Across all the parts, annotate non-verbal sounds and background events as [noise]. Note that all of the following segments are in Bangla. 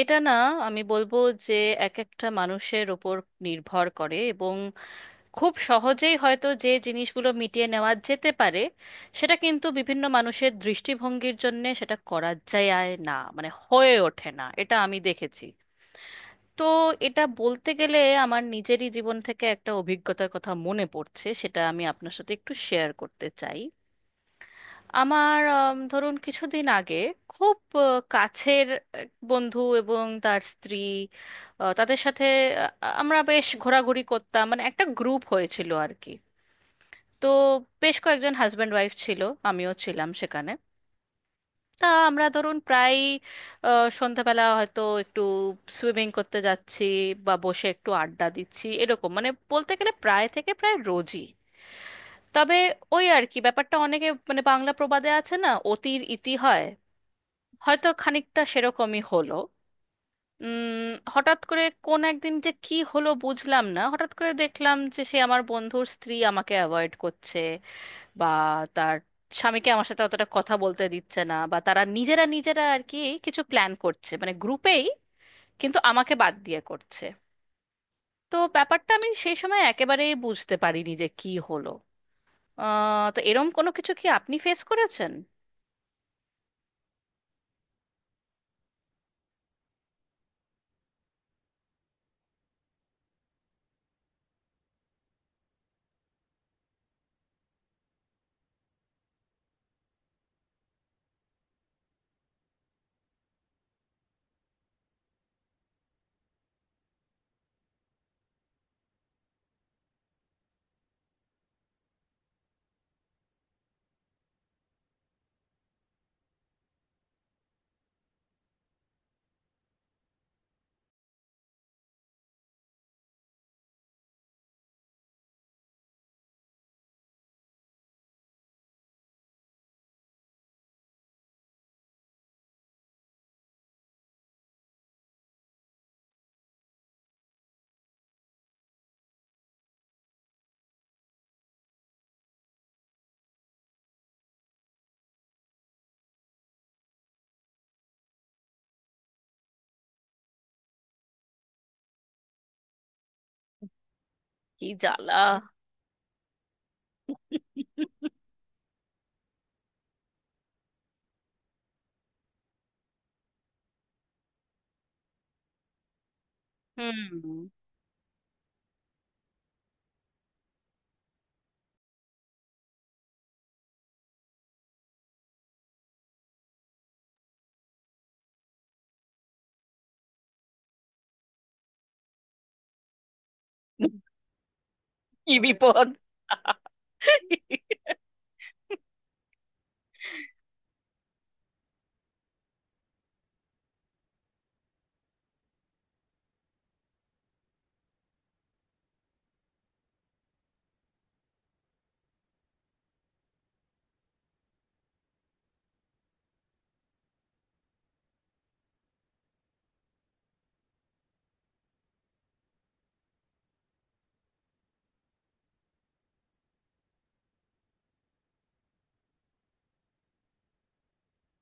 এটা না, আমি বলবো যে এক একটা মানুষের ওপর নির্ভর করে। এবং খুব সহজেই হয়তো যে জিনিসগুলো মিটিয়ে নেওয়া যেতে পারে, সেটা কিন্তু বিভিন্ন মানুষের দৃষ্টিভঙ্গির জন্য সেটা করা যায় না, মানে হয়ে ওঠে না, এটা আমি দেখেছি। তো এটা বলতে গেলে আমার নিজেরই জীবন থেকে একটা অভিজ্ঞতার কথা মনে পড়ছে, সেটা আমি আপনার সাথে একটু শেয়ার করতে চাই। আমার ধরুন কিছুদিন আগে খুব আ, কাছের এক বন্ধু এবং তার স্ত্রী, তাদের সাথে আ, আমরা বেশ ঘোরাঘুরি করতাম, মানে একটা গ্রুপ হয়েছিল আর কি। তো বেশ কয়েকজন হাজব্যান্ড ওয়াইফ ছিল, আমিও ছিলাম সেখানে। তা আমরা ধরুন প্রায় আ, সন্ধ্যাবেলা হয়তো একটু সুইমিং করতে যাচ্ছি বা বসে একটু আড্ডা দিচ্ছি, এরকম মানে বলতে গেলে প্রায় থেকে প্রায় রোজই। তবে ওই আর কি, ব্যাপারটা অনেকে মানে বাংলা প্রবাদে আছে না, অতির ইতি হয়, হয়তো খানিকটা সেরকমই হলো। হঠাৎ করে কোন একদিন যে কি হলো বুঝলাম না, হঠাৎ করে দেখলাম যে সে আমার বন্ধুর স্ত্রী আমাকে অ্যাভয়েড করছে, বা তার স্বামীকে আমার সাথে অতটা কথা বলতে দিচ্ছে না, বা তারা নিজেরা নিজেরা আর কি কিছু প্ল্যান করছে মানে গ্রুপেই, কিন্তু আমাকে বাদ দিয়ে করছে। তো ব্যাপারটা আমি সেই সময় একেবারেই বুঝতে পারিনি যে কি হলো। তো এরম কোনো কিছু কি আপনি ফেস করেছেন? কি জ্বালা [laughs] হুম। কি বিপদ।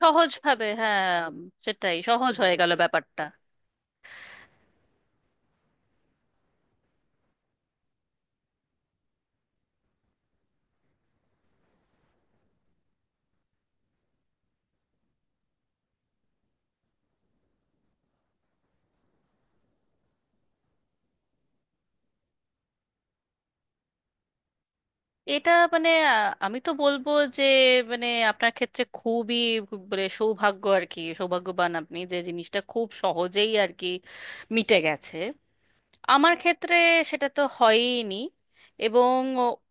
সহজ ভাবে, হ্যাঁ, সেটাই সহজ হয়ে গেল ব্যাপারটা। এটা মানে আমি তো বলবো যে, মানে আপনার ক্ষেত্রে খুবই মানে সৌভাগ্য আর কি, সৌভাগ্যবান আপনি, যে জিনিসটা খুব সহজেই আর কি মিটে গেছে। আমার ক্ষেত্রে সেটা তো হয়ইনি, এবং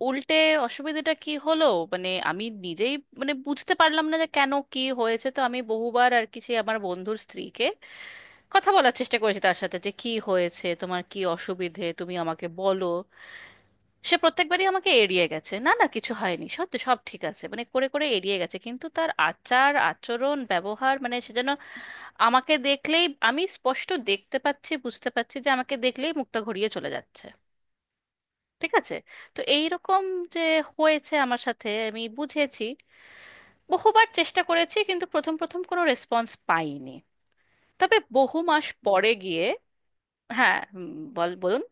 উল্টে অসুবিধাটা কি হলো, মানে আমি নিজেই মানে বুঝতে পারলাম না যে কেন কি হয়েছে। তো আমি বহুবার আর কি সেই আমার বন্ধুর স্ত্রীকে কথা বলার চেষ্টা করেছি, তার সাথে যে কি হয়েছে তোমার, কি অসুবিধে তুমি আমাকে বলো। সে প্রত্যেকবারই আমাকে এড়িয়ে গেছে, না না কিছু হয়নি, সব সব ঠিক আছে মানে করে করে এড়িয়ে গেছে। কিন্তু তার আচার আচরণ ব্যবহার মানে সে যেন আমাকে দেখলেই, আমি স্পষ্ট দেখতে পাচ্ছি বুঝতে পারছি যে আমাকে দেখলেই মুখটা ঘুরিয়ে চলে যাচ্ছে। ঠিক আছে। তো এই রকম যে হয়েছে আমার সাথে আমি বুঝেছি, বহুবার চেষ্টা করেছি, কিন্তু প্রথম প্রথম কোনো রেসপন্স পাইনি, তবে বহু মাস পরে গিয়ে। হ্যাঁ, বলুন।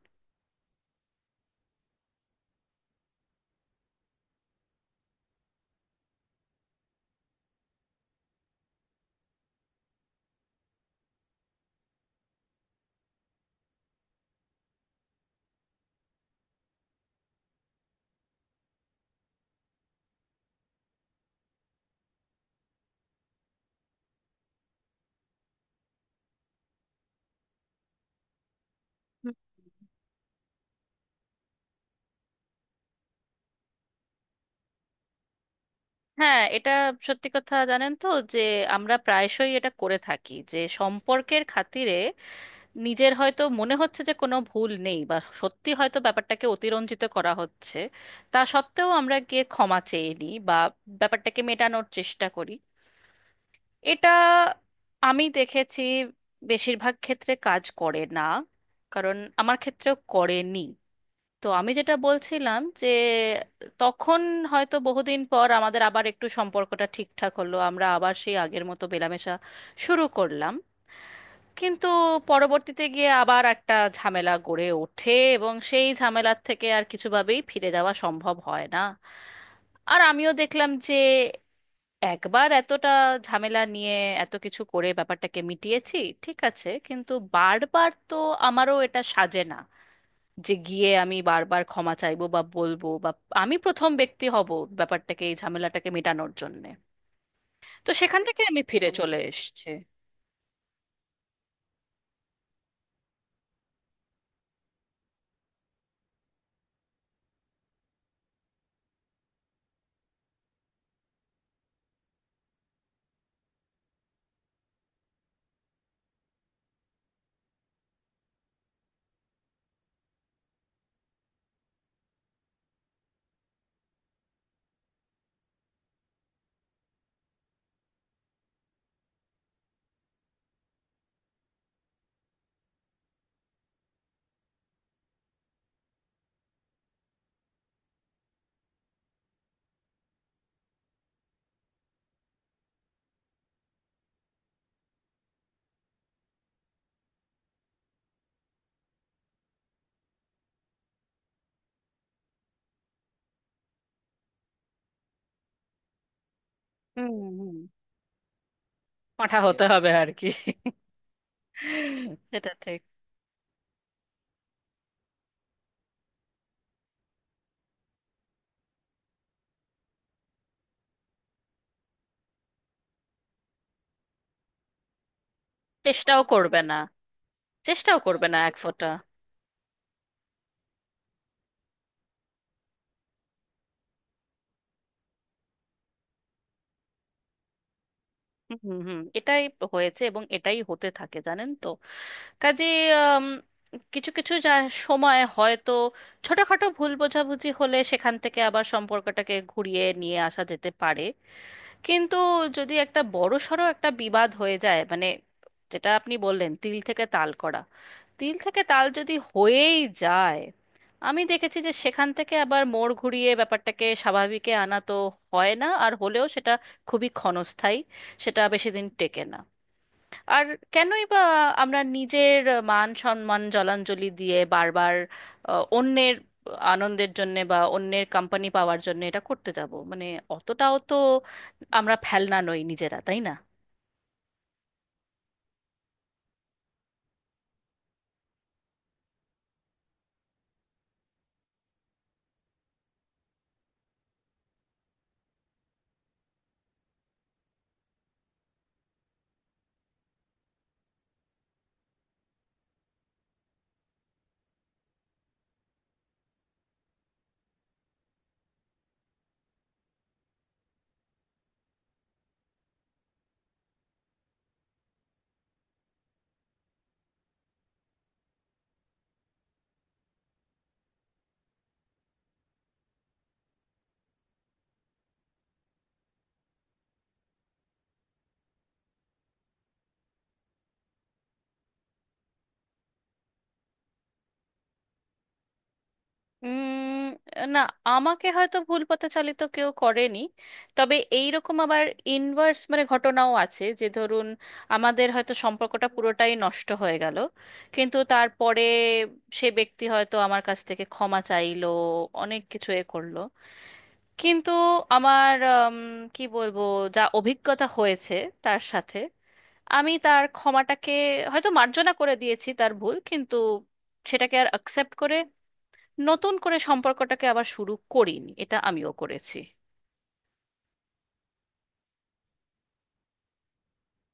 হ্যাঁ, এটা সত্যি কথা জানেন তো, যে আমরা প্রায়শই এটা করে থাকি যে সম্পর্কের খাতিরে নিজের হয়তো মনে হচ্ছে যে কোনো ভুল নেই, বা সত্যি হয়তো ব্যাপারটাকে অতিরঞ্জিত করা হচ্ছে, তা সত্ত্বেও আমরা গিয়ে ক্ষমা চেয়ে নিই বা ব্যাপারটাকে মেটানোর চেষ্টা করি। এটা আমি দেখেছি বেশিরভাগ ক্ষেত্রে কাজ করে না, কারণ আমার ক্ষেত্রেও করেনি। তো আমি যেটা বলছিলাম যে তখন হয়তো বহুদিন পর আমাদের আবার একটু সম্পর্কটা ঠিকঠাক হলো, আমরা আবার সেই আগের মতো মেলামেশা শুরু করলাম। কিন্তু পরবর্তীতে গিয়ে আবার একটা ঝামেলা গড়ে ওঠে, এবং সেই ঝামেলার থেকে আর কিছুভাবেই ফিরে যাওয়া সম্ভব হয় না। আর আমিও দেখলাম যে একবার এতটা ঝামেলা নিয়ে এত কিছু করে ব্যাপারটাকে মিটিয়েছি, ঠিক আছে, কিন্তু বারবার তো আমারও এটা সাজে না, যে গিয়ে আমি বারবার ক্ষমা চাইবো বা বলবো, বা আমি প্রথম ব্যক্তি হব ব্যাপারটাকে, এই ঝামেলাটাকে মেটানোর জন্যে। তো সেখান থেকে আমি ফিরে, হুম, চলে এসেছি। হুম হুম। পাঁঠা ঠিক হতে হবে আর কি। সেটা ঠিক। চেষ্টাও করবে না। চেষ্টাও করবে না এক ফোঁটা। হুম হুম হুম, এটাই হয়েছে, এবং এটাই হতে থাকে জানেন তো। কাজে কিছু কিছু যা সময় হয়তো ছোটখাটো ভুল বোঝাবুঝি হলে সেখান থেকে আবার সম্পর্কটাকে ঘুরিয়ে নিয়ে আসা যেতে পারে। কিন্তু যদি একটা বড়সড় একটা বিবাদ হয়ে যায় মানে, যেটা আপনি বললেন তিল থেকে তাল করা, তিল থেকে তাল যদি হয়েই যায়, আমি দেখেছি যে সেখান থেকে আবার মোড় ঘুরিয়ে ব্যাপারটাকে স্বাভাবিকে আনা তো হয় না, আর হলেও সেটা খুবই ক্ষণস্থায়ী, সেটা বেশি দিন টেকে না। আর কেনই বা আমরা নিজের মান সম্মান জলাঞ্জলি দিয়ে বারবার অন্যের আনন্দের জন্যে বা অন্যের কোম্পানি পাওয়ার জন্য এটা করতে যাব, মানে অতটাও তো আমরা ফেলনা নই নিজেরা, তাই না? উম না, আমাকে হয়তো ভুল পথে চালিত কেউ করেনি, তবে এইরকম আবার ইনভার্স মানে ঘটনাও আছে, যে ধরুন আমাদের হয়তো সম্পর্কটা পুরোটাই নষ্ট হয়ে গেল, কিন্তু তারপরে সে ব্যক্তি হয়তো আমার কাছ থেকে ক্ষমা চাইলো, অনেক কিছু এ করলো, কিন্তু আমার কি বলবো, যা অভিজ্ঞতা হয়েছে তার সাথে, আমি তার ক্ষমাটাকে হয়তো মার্জনা করে দিয়েছি তার ভুল, কিন্তু সেটাকে আর অ্যাকসেপ্ট করে নতুন করে সম্পর্কটাকে আবার শুরু করিনি, এটা আমিও করেছি।